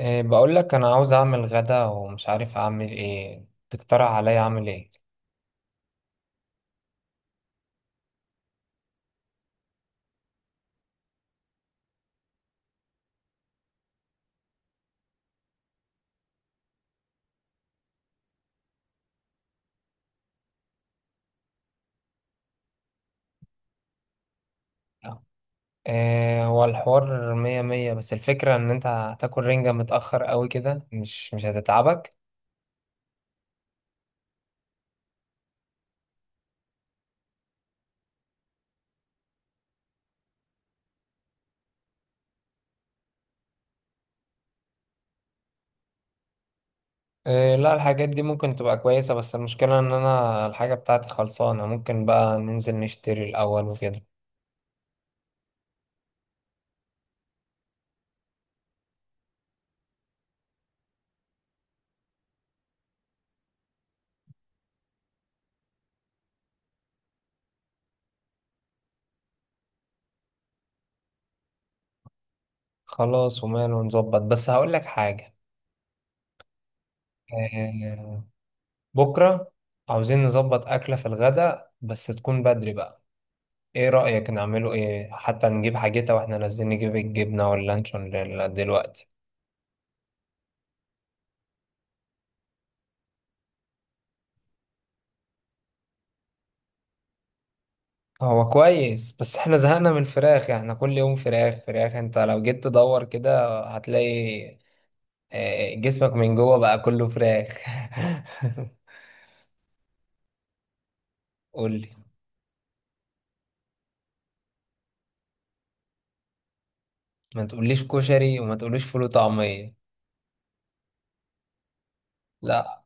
إيه، بقول لك انا عاوز اعمل غدا ومش عارف اعمل ايه. تقترح عليا اعمل ايه؟ إيه، هو الحوار مية مية، بس الفكرة ان انت هتاكل رنجة متأخر قوي كده مش هتتعبك. إيه، لا الحاجات دي ممكن تبقى كويسة، بس المشكلة ان انا الحاجة بتاعتي خلصانة. ممكن بقى ننزل نشتري الاول وكده. خلاص وماله، نظبط. بس هقول لك حاجة. إيه. بكرة عاوزين نظبط أكلة في الغدا بس تكون بدري بقى. ايه رأيك نعمله ايه؟ حتى نجيب حاجتها واحنا نازلين نجيب الجبنة واللانشون دلوقتي. هو كويس، بس احنا زهقنا من الفراخ. يعني احنا كل يوم فراخ فراخ. انت لو جيت تدور كده هتلاقي جسمك من جوه بقى كله فراخ. قولي. ما تقوليش كشري وما تقوليش فول وطعمية. لا،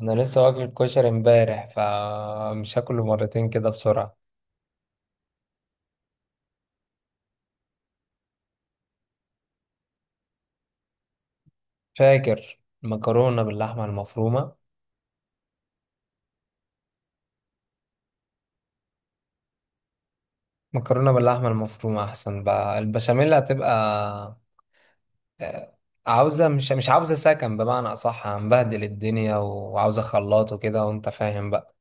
انا لسه واكل كشري امبارح، فمش هاكله مرتين كده بسرعة. فاكر المكرونة باللحمة المفرومة؟ مكرونة باللحمة المفرومة أحسن، بقى البشاميل هتبقى آه، عاوزة مش عاوزة سكن، بمعنى أصح هنبهدل الدنيا، وعاوزة خلاط وكده، وأنت فاهم بقى.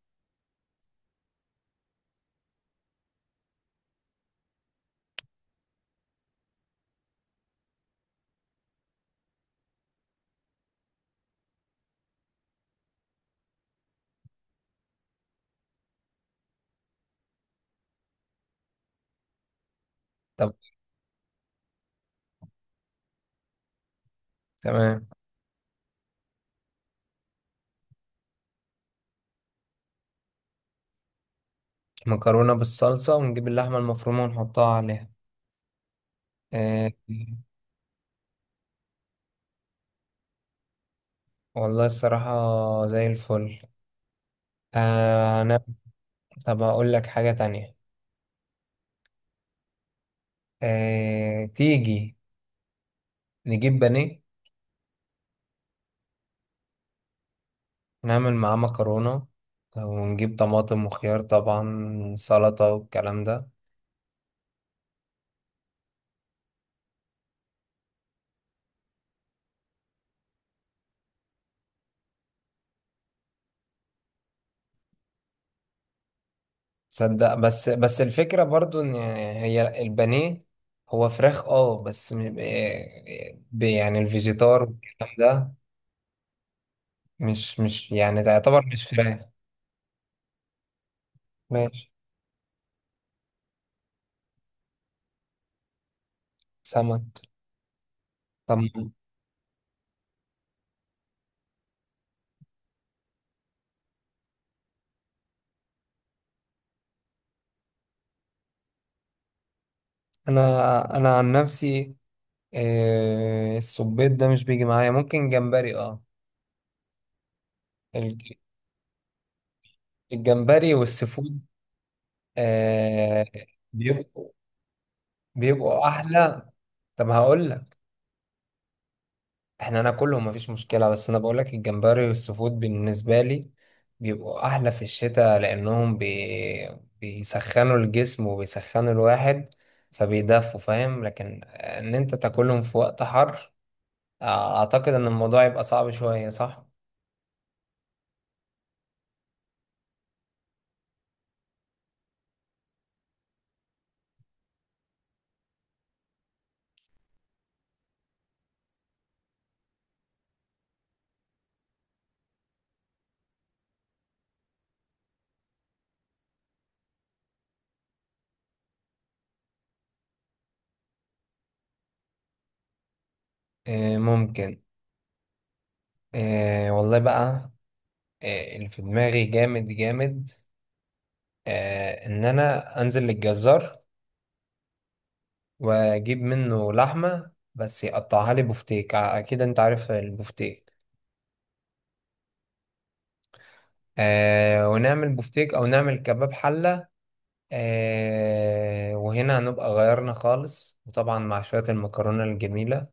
طب تمام، مكرونة بالصلصة ونجيب اللحمة المفرومة ونحطها عليها. آه والله الصراحة زي الفل. أنا طب أقول لك حاجة تانية. آه تيجي نجيب بانيه، نعمل معاه مكرونة، ونجيب طماطم وخيار طبعا سلطة والكلام ده. تصدق، بس الفكرة برضو ان هي البانيه هو فراخ اه، بس يعني الفيجيتار والكلام ده. مش يعني ده يعتبر مش فراخ. ماشي. سمك. طب. انا عن نفسي، السبيط ده مش بيجي معايا، ممكن جمبري اه. الج- الجمبري والسفود آه، بيبقوا بيبقوا احلى. طب هقول لك، احنا ناكلهم مفيش مشكلة، بس انا بقولك الجمبري والسفود بالنسبة لي بيبقوا احلى في الشتاء، لانهم بيسخنوا الجسم وبيسخنوا الواحد فبيدفوا، فاهم. لكن ان انت تاكلهم في وقت حر اعتقد ان الموضوع يبقى صعب شوية، صح؟ إيه ممكن. إيه والله بقى، إيه اللي في دماغي جامد جامد. إيه، ان انا انزل للجزار واجيب منه لحمة بس يقطعها لي بفتيك. اكيد انت عارف البفتيك. آه ونعمل بفتيك او نعمل كباب حلة. آه وهنا هنبقى غيرنا خالص، وطبعا مع شوية المكرونة الجميلة.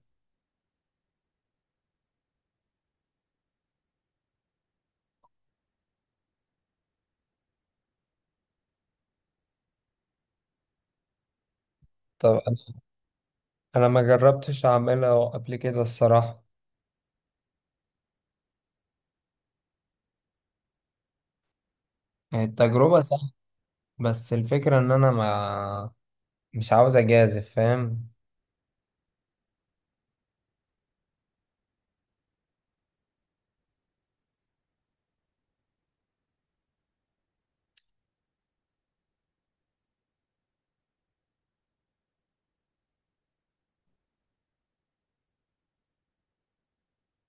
طب انا ما جربتش اعملها قبل كده الصراحة. التجربة سهلة، بس الفكرة ان انا ما مش عاوز اجازف، فاهم.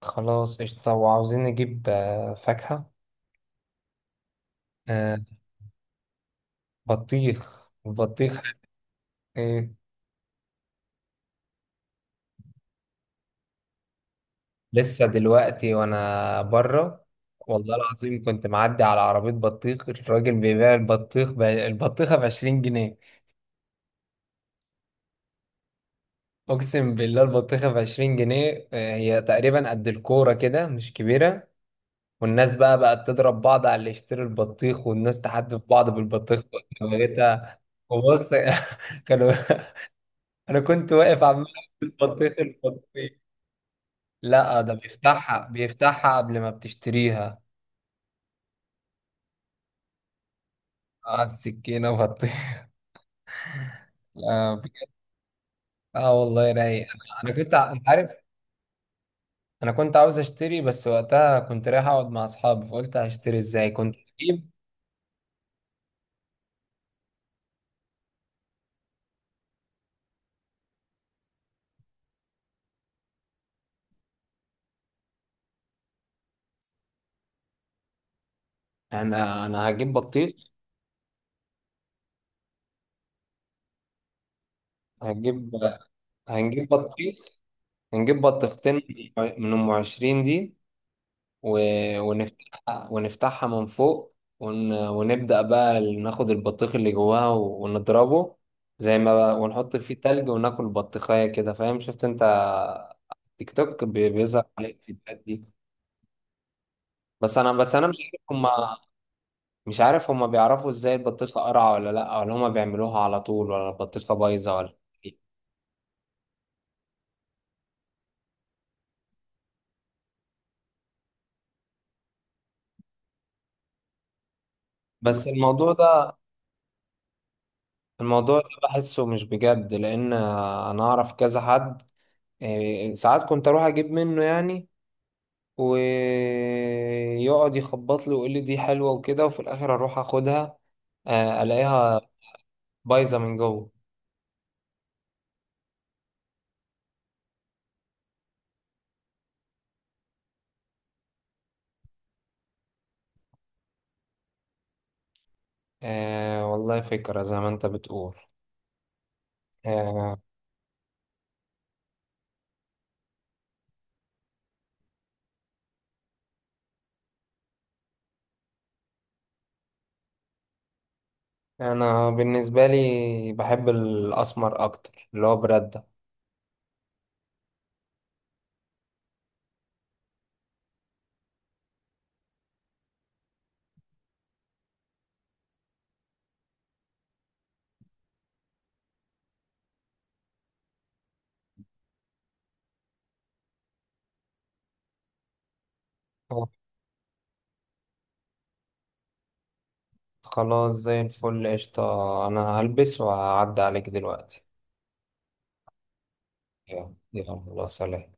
خلاص قشطة. وعاوزين نجيب فاكهة. آه بطيخ، البطيخ. ايه؟ لسه دلوقتي وانا بره. والله العظيم كنت معدي على عربية بطيخ، الراجل بيبيع البطيخ البطيخة ب20 جنيه. اقسم بالله البطيخة ب20 جنيه، هي تقريبا قد الكورة كده، مش كبيرة. والناس بقى بقت تضرب بعض على اللي يشتري البطيخ، والناس تحدف بعض بالبطيخ وتوهتها. وبص كانوا. انا كنت واقف عمال أكل البطيخ البطيخ. لا ده بيفتحها قبل ما بتشتريها. اه، السكينة بطيخ. آه، اه والله رايق. انا كنت انت عارف. انا كنت عاوز اشتري، بس وقتها كنت رايح اقعد مع اصحابي فقلت هشتري ازاي. كنت هجيب. انا هجيب بطيخ. هجيب هنجيب بطيخ. هنجيب بطيختين من ام 20 دي. و... ونفتحها من فوق. ونبدأ بقى ناخد البطيخ اللي جواها ونضربه. زي ما بقى، ونحط فيه تلج وناكل بطيخية كده، فاهم. شفت انت تيك توك، بيظهر عليك الفيديوهات دي. بس انا مش عارف هما بيعرفوا ازاي البطيخه قرعه ولا لا، ولا هما بيعملوها على طول، ولا البطيخه بايظه ولا. إيه. بس الموضوع ده بحسه مش بجد، لان انا اعرف كذا حد. إيه، ساعات كنت اروح اجيب منه يعني، ويقعد يخبط لي ويقول لي دي حلوه وكده، وفي الاخر اروح اخدها الاقيها بايظه من جوه. والله فكره زي ما انت بتقول. آه. انا بالنسبه لي بحب الاسمر اكتر، اللي هو براد ده. أوه. خلاص زي الفل قشطه. انا هلبس وهعدي عليك دلوقتي. يلا يلا، سلام.